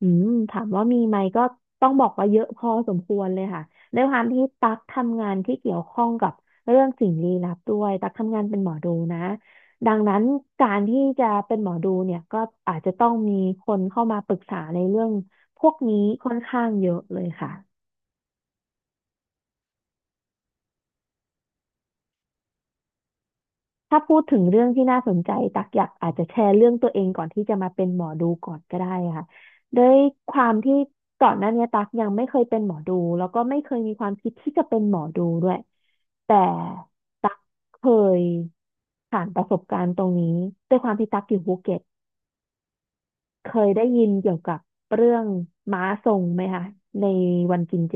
อืมถามว่ามีไหมก็ต้องบอกว่าเยอะพอสมควรเลยค่ะด้วยความที่ตั๊กทำงานที่เกี่ยวข้องกับเรื่องสิ่งลี้ลับด้วยตั๊กทำงานเป็นหมอดูนะดังนั้นการที่จะเป็นหมอดูเนี่ยก็อาจจะต้องมีคนเข้ามาปรึกษาในเรื่องพวกนี้ค่อนข้างเยอะเลยค่ะ ถ้าพูดถึงเรื่องที่น่าสนใจตักอยากอาจจะแชร์เรื่องตัวเองก่อนที่จะมาเป็นหมอดูก่อนก็ได้ค่ะด้วยความที่ก่อนหน้านี้ตักยังไม่เคยเป็นหมอดูแล้วก็ไม่เคยมีความคิดที่จะเป็นหมอดูด้วยแต่ตักเคยผ่านประสบการณ์ตรงนี้ด้วยความที่ตักอยู่ภูเก็ตเคยได้ยินเกี่ยวกับเรื่องม้าทรงไหมคะในวันกินเจ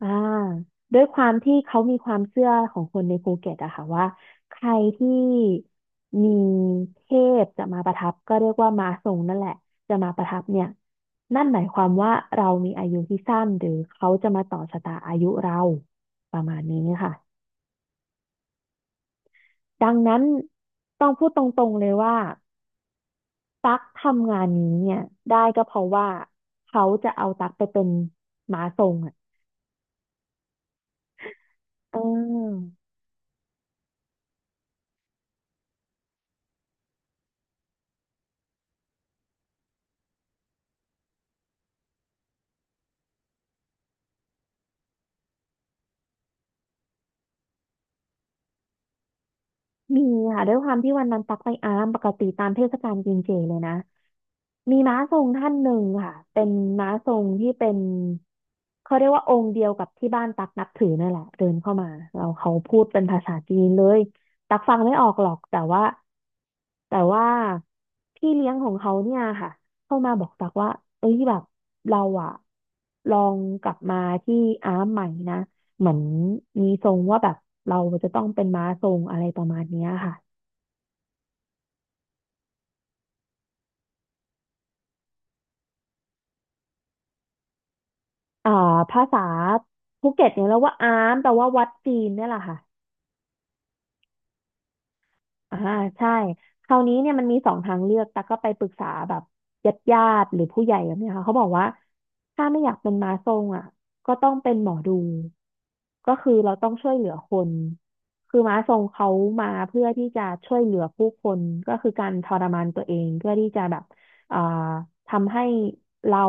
อ่าด้วยความที่เขามีความเชื่อของคนในภูเก็ตอะค่ะว่าใครที่มีเทพจะมาประทับก็เรียกว่ามาทรงนั่นแหละจะมาประทับเนี่ยนั่นหมายความว่าเรามีอายุที่สั้นหรือเขาจะมาต่อชะตาอายุเราประมาณนี้ค่ะดังนั้นต้องพูดตรงๆเลยว่าตั๊กทำงานนี้เนี่ยได้ก็เพราะว่าเขาจะเอาตั๊กไปเป็นหมาทรงอะเออ มีค่ะด้วยความที่วันนั้นตักไปอารามปกติตามเทศกาลกินเจเลยนะมีม้าทรงท่านหนึ่งค่ะเป็นม้าทรงที่เป็นเขาเรียกว่าองค์เดียวกับที่บ้านตักนับถือนั่นแหละเดินเข้ามาเราเขาพูดเป็นภาษาจีนเลยตักฟังไม่ออกหรอกแต่ว่าพี่เลี้ยงของเขาเนี่ยค่ะเข้ามาบอกตักว่าเอ้ยแบบเราอะลองกลับมาที่อาร์มใหม่นะ เหมือนมีทรงว่าแบบเราจะต้องเป็นม้าทรงอะไรประมาณเนี้ยค่ะอ่าภาษาภูเก็ตเนี่ยเราว่าอามแปลว่าวัดจีนเนี่ยแหละค่ะ อ่าใช่คราวนี้เนี่ยมันมีสองทางเลือกแต่กก็ไปปรึกษาแบบญาติหรือผู้ใหญ่แบบเนี้ยค่ะเขาบอกว่าถ้าไม่อยากเป็นม้าทรงอ่ะก็ต้องเป็นหมอดูก็คือเราต้องช่วยเหลือคนคือม้าทรงเขามาเพื่อที่จะช่วยเหลือผู้คนก็คือการทรมานตัวเองเพื่อที่จะแบบอ่าทำให้เรา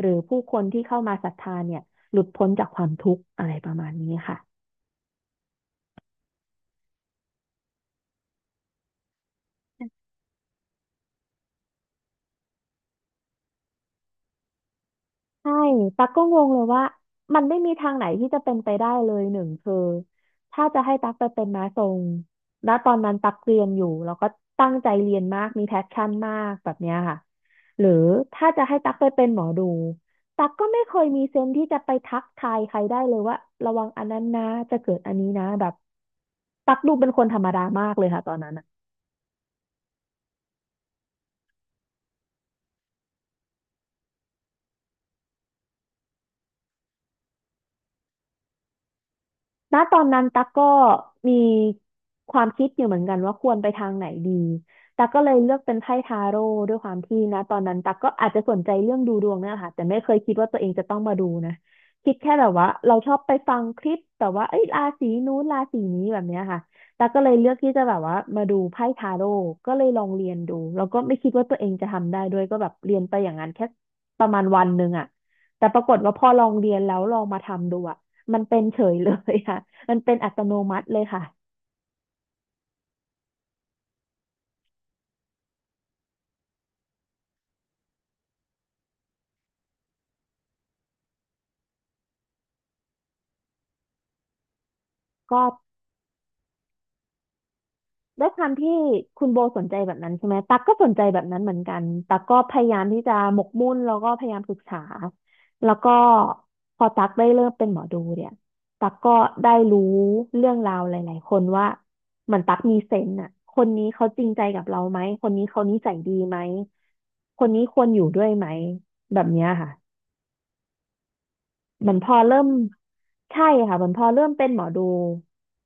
หรือผู้คนที่เข้ามาศรัทธาเนี่ยหลุดพ้นจากความทุกข์อะไรประมาณนี้ค่ะ ใช่ตั๊กก็งงเลยว่ามันไม่มีทางไหนที่จะเป็นไปได้เลยหนึ่งคือถ้าจะให้ตั๊กไปเป็นม้าทรงแล้วตอนนั้นตั๊กเรียนอยู่แล้วก็ตั้งใจเรียนมากมีแพชชั่นมากแบบเนี้ยค่ะหรือถ้าจะให้ตั๊กไปเป็นหมอดูตั๊กก็ไม่เคยมีเซนส์ที่จะไปทักทายใครได้เลยว่าระวังอันนั้นนะจะเกิดอันนี้นะแบบตั๊กดูเป็นคนธรรมดามากเลยค่ะตอนนั้นอะ ณตอนนั้นตั๊กก็มีความคิดอยู่เหมือนกันว่าควรไปทางไหนดีตั๊กก็เลยเลือกเป็นไพ่ทาโร่ด้วยความที่นะตอนนั้นตั๊กก็อาจจะสนใจเรื่องดูดวงเนี่ยแหละค่ะแต่ไม่เคยคิดว่าตัวเองจะต้องมาดูนะคิดแค่แบบว่าเราชอบไปฟังคลิปแต่ว่าเอ้ยราศีนู้นราศีนี้แบบเนี้ยค่ะตั๊กก็เลยเลือกที่จะแบบว่ามาดูไพ่ทาโร่ก็เลยลองเรียนดูแล้วก็ไม่คิดว่าตัวเองจะทำได้ด้วยก็แบบเรียนไปอย่างนั้นแค่ประมาณวันหนึ่งอะแต่ปรากฏว่าพอลองเรียนแล้วลองมาทำดูอะ มันเป็นเฉยเลยค่ะ มันเป็นอัตโนมัติเลยค่ะก็ด้วยความที่คุณโบสนใจแบบนั้นใช่ไหมตั๊กก็สนใจแบบนั้นเหมือนกันตั๊กก็พยายามที่จะหมกมุ่นแล้วก็พยายามศึกษาแล้วก็พอตั๊กได้เริ่มเป็นหมอดูเนี่ยตั๊กก็ได้รู้เรื่องราวหลายๆคนว่าเหมือนตั๊กมีเซนส์อ่ะคนนี้เขาจริงใจกับเราไหมคนนี้เขานิสัยดีไหมคนนี้ควรอยู่ด้วยไหมแบบเนี้ยค่ะ เหมือนพอเริ่มใช่ค่ะเหมือนพอเริ่มเป็นหมอดู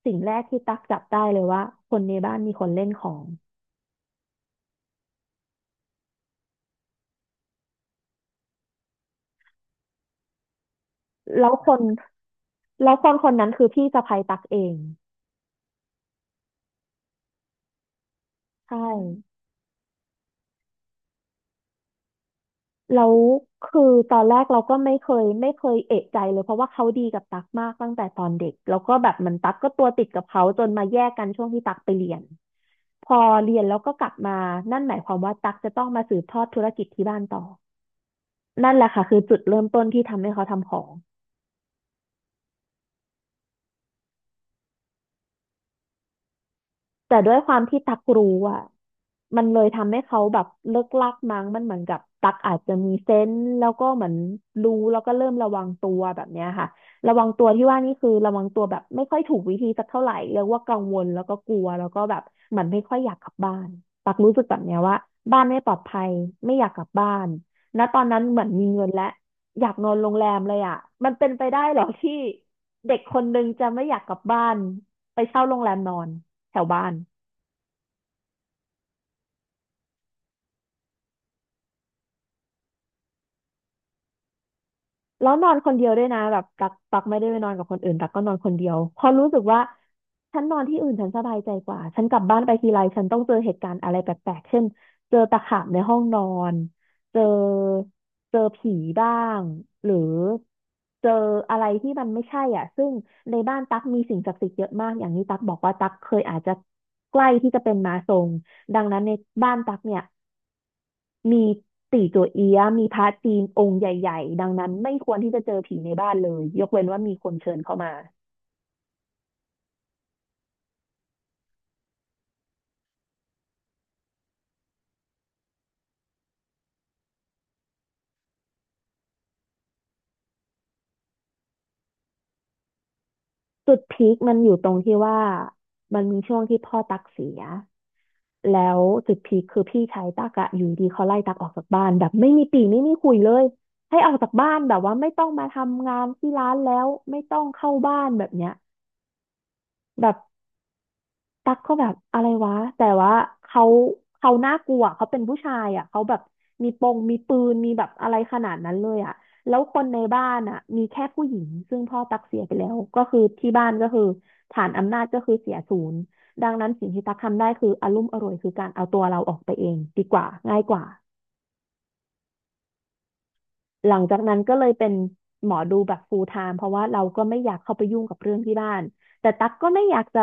สิ่งแรกที่ตักจับได้เลยว่าคนในบ้านมีคนเล่นของแล้วคนแล้วคนคนนั้นคือพี่สะใภ้ตักเองใช่แล้วคือตอนแรกเราก็ไม่เคยเอะใจเลยเพราะว่าเขาดีกับตักมากตั้งแต่ตอนเด็กแล้วก็แบบเหมันตักก็ตัวติดกับเขาจนมาแยกกันช่วงที่ตักไปเรียนพอเรียนแล้วก็กลับมานั่นหมายความว่าตักจะต้องมาสืบทอดธุรกิจที่บ้านต่อนั่นแหละค่ะคือจุดเริ่มต้นที่ทำให้เขาทำของ แต่ด้วยความที่ตักรู้อ่ะมันเลยทำให้เขาแบบเลิกลักมั้งมันเหมือนกับตักอาจจะมีเซนส์แล้วก็เหมือนรู้แล้วก็เริ่มระวังตัวแบบเนี้ยค่ะระวังตัวที่ว่านี่คือระวังตัวแบบไม่ค่อยถูกวิธีสักเท่าไหร่เรียกว่ากังวลแล้วก็กลัวแล้วก็แบบเหมือนไม่ค่อยอยากกลับบ้านตักรู้สึกแบบเนี้ยว่าบ้านไม่ปลอดภัยไม่อยากกลับบ้านณตอนนั้นเหมือนมีเงินและอยากนอนโรงแรมเลยอ่ะมันเป็นไปได้เหรอที่เด็กคนนึงจะไม่อยากกลับบ้านไปเช่าโรงแรมนอน แถวบ้านแล้วนอนคนเดียวด้วยนะแบบตักไม่ได้ไปนอนกับคนอื่นตักก็นอนคนเดียวเพอรู้สึกว่าฉันนอนที่อื่นฉันสบายใจกว่าฉันกลับบ้านไปทีไรฉันต้องเจอเหตุการณ์อะไรแปลกๆเช่นเจอตะขาบในห้องนอนเจอเจอผีบ้างหรือเจออะไรที่มันไม่ใช่อ่ะซึ่งในบ้านตักมีสิ่งศักดิ์สิทธิ์เยอะมากอย่างนี้ตักบอกว่าตักเคยอาจจะใกล้ที่จะเป็นม้าทรงดังนั้นในบ้านตักเนี่ย มีตี่จั่วเอี้ยะมีพระจีนองค์ใหญ่ๆดังนั้นไม่ควรที่จะเจอผีในบ้านเลยยกเว้นว่ามีคนเชิญเข้ามาจุดพีคมันอยู่ตรงที่ว่ามันมีช่วงที่พ่อตั๊กเสียแล้วจุดพีคคือพี่ชายตั๊กอะอยู่ดีเขาไล่ตั๊กออกจากบ้านแบบไม่มีปี่ไม่มีคุยเลยให้ออกจากบ้านแบบว่าไม่ต้องมาทำงานที่ร้านแล้วไม่ต้องเข้าบ้านแบบเนี้ยแบบ ตั๊กก็แบบอะไรวะแต่ว่าเขาเขาน่ากลัวเขาเป็นผู้ชายอ่ะเขาแบบมีปงมีปืนมีแบบอะไรขนาดนั้นเลยอ่ะแล้วคนในบ้านอ่ะมีแค่ผู้หญิงซึ่งพ่อตั๊กเสียไปแล้วก็คือที่บ้านก็คือฐานอำนาจก็คือเสียศูนย์ดังนั้นสิ่งที่ตั๊กทำได้คืออารุ่มอร่วยคือการเอาตัวเราออกไปเองดีกว่าง่ายกว่า หลังจากนั้นก็เลยเป็นหมอดูแบบ full time เพราะว่าเราก็ไม่อยากเข้าไปยุ่งกับเรื่องที่บ้าน แต่ตั๊กก็ไม่อยากจะ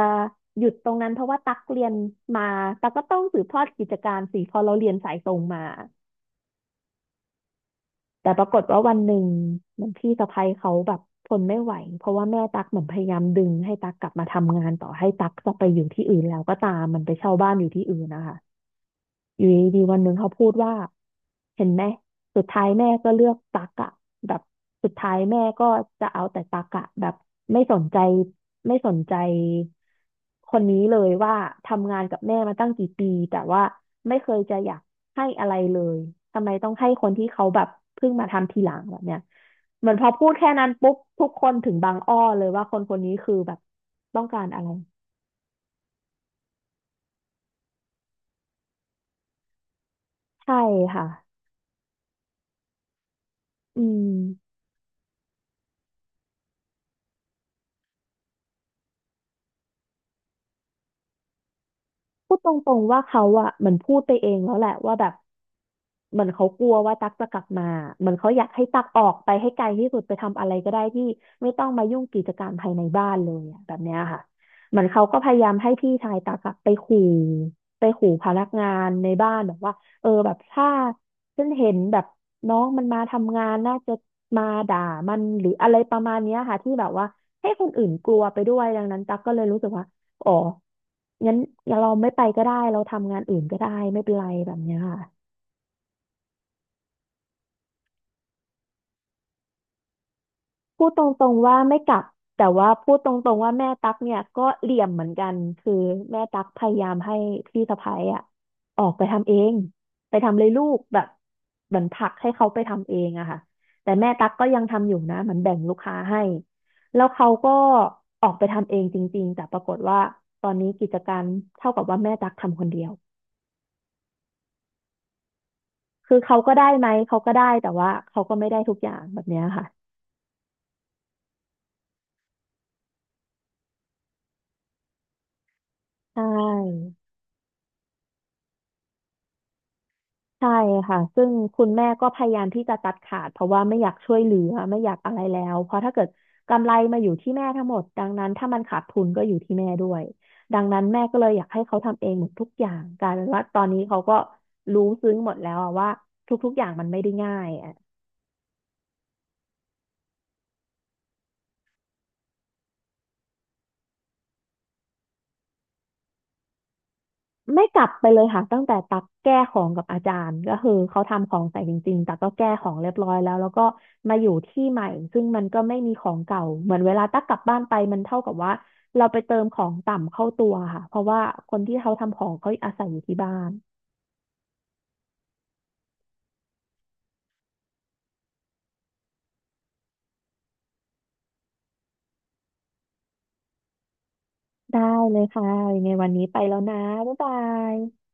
หยุดตรงนั้นเพราะว่าตั๊กเรียนมาตั๊กก็ต้องสืบทอดกิจการสิเพอเราเรียนสายตรงมา แต่ปรากฏว่าวันหนึ่งเหมือนพี่สะใภ้เขาแบบทนไม่ไหวเพราะว่าแม่ตั๊กเหมือนพยายามดึงให้ตั๊กกลับมาทำงานต่อให้ตั๊กจะไปอยู่ที่อื่นแล้วก็ตามมันไปเช่าบ้านอยู่ที่อื่นนะคะ อยู่ดีๆวันหนึ่งเขาพูดว่าเห็นไหมสุดท้ายแม่ก็เลือกตักอะแบบสุดท้ายแม่ก็จะเอาแต่ตักอะแบบไม่สนใจไม่สนใจคนนี้เลยว่าทำงานกับแม่มาตั้งกี่ปีแต่ว่าไม่เคยจะอยากให้อะไรเลยทำไมต้องให้คนที่เขาแบบเพิ่งมาทำทีหลังแบบเนี้ยเหมือนพอพูดแค่นั้นปุ๊บทุกคนถึงบางอ้อเลยว่าคนคนนี้คือแบบต้องการอะไรใช่ค่ะอืม พูดตรงๆว่าเขาอะเหมือนพูดไปเองแล้วแหละว่าแบบเหมือนเขากลัวว่าตั๊กจะกลับมาเหมือนเขาอยากให้ตั๊กออกไปให้ไกลที่สุดไปทำอะไรก็ได้ที่ไม่ต้องมายุ่งกิจการภายในบ้านเลยอะแบบเนี้ยค่ะเหมือนเขาก็พยายามให้พี่ชายตั๊กอะไปขู่ไปขู่พนักงานในบ้านแบบว่าเออแบบถ้าฉันเห็นแบบน้องมันมาทำงานน่าจะมาด่ามันหรืออะไรประมาณเนี้ยค่ะที่แบบว่าให้คนอื่นกลัวไปด้วยดังนั้นตั๊กก็เลยรู้สึกว่า อ๋องั้นเราไม่ไปก็ได้ เราทำงานอื่นก็ได้ไม่เป็นไรแบบเนี้ยค่ะพูดตรงๆว่าไม่กลับแต่ว่าพูดตรงๆว่าแม่ตั๊กเนี่ยก็เหลี่ยมเหมือนกันคือแม่ตั๊กพยายามให้พี่สะใภ้อะออกไปทำเองไปทำเลยลูกแบบเหมือนผลักให้เขาไปทำเองอะค่ะแต่แม่ตั๊กก็ยังทำอยู่นะเหมือนแบ่งลูกค้าให้ แล้วเขาก็ออกไปทำเองจริงๆแต่ปรากฏว่าตอนนี้กิจการเท่ากับว่าแม่ตั๊กทำคนเดียว คือเขาก็ได้ไหมเขาก็ได้แต่ว่าเขาก็ไม่ได้ทุกอย่างแบบเนี้ยค่ะใช่ใช่ค่ะซึ่งคุณแม่ก็พยายามที่จะตัดขาดเพราะว่าไม่อยากช่วยเหลือไม่อยากอะไรแล้วเพราะถ้าเกิดกำไรมาอยู่ที่แม่ทั้งหมดดังนั้นถ้ามันขาดทุนก็อยู่ที่แม่ด้วยดังนั้นแม่ก็เลยอยากให้เขาทำเองหมดทุกอย่างกลายเป็นว่าตอนนี้เขาก็รู้ซึ้งหมดแล้วอะว่าทุกๆอย่างมันไม่ได้ง่าย ไม่กลับไปเลยค่ะตั้งแต่ตักแก้ของกับอาจารย์ก็คือเขาทำของใส่จริงๆตักก็แก้ของเรียบร้อยแล้วแล้วก็มาอยู่ที่ใหม่ซึ่งมันก็ไม่มีของเก่าเหมือนเวลาตักกลับบ้านไปมันเท่ากับว่าเราไปเติมของต่ำเข้าตัวค่ะเพราะว่าคนที่เขาทำของเขาอาศัยอยู่ที่บ้านได้เลยค่ะยังไงวันนี้ไปแล้วนะบ๊ายบาย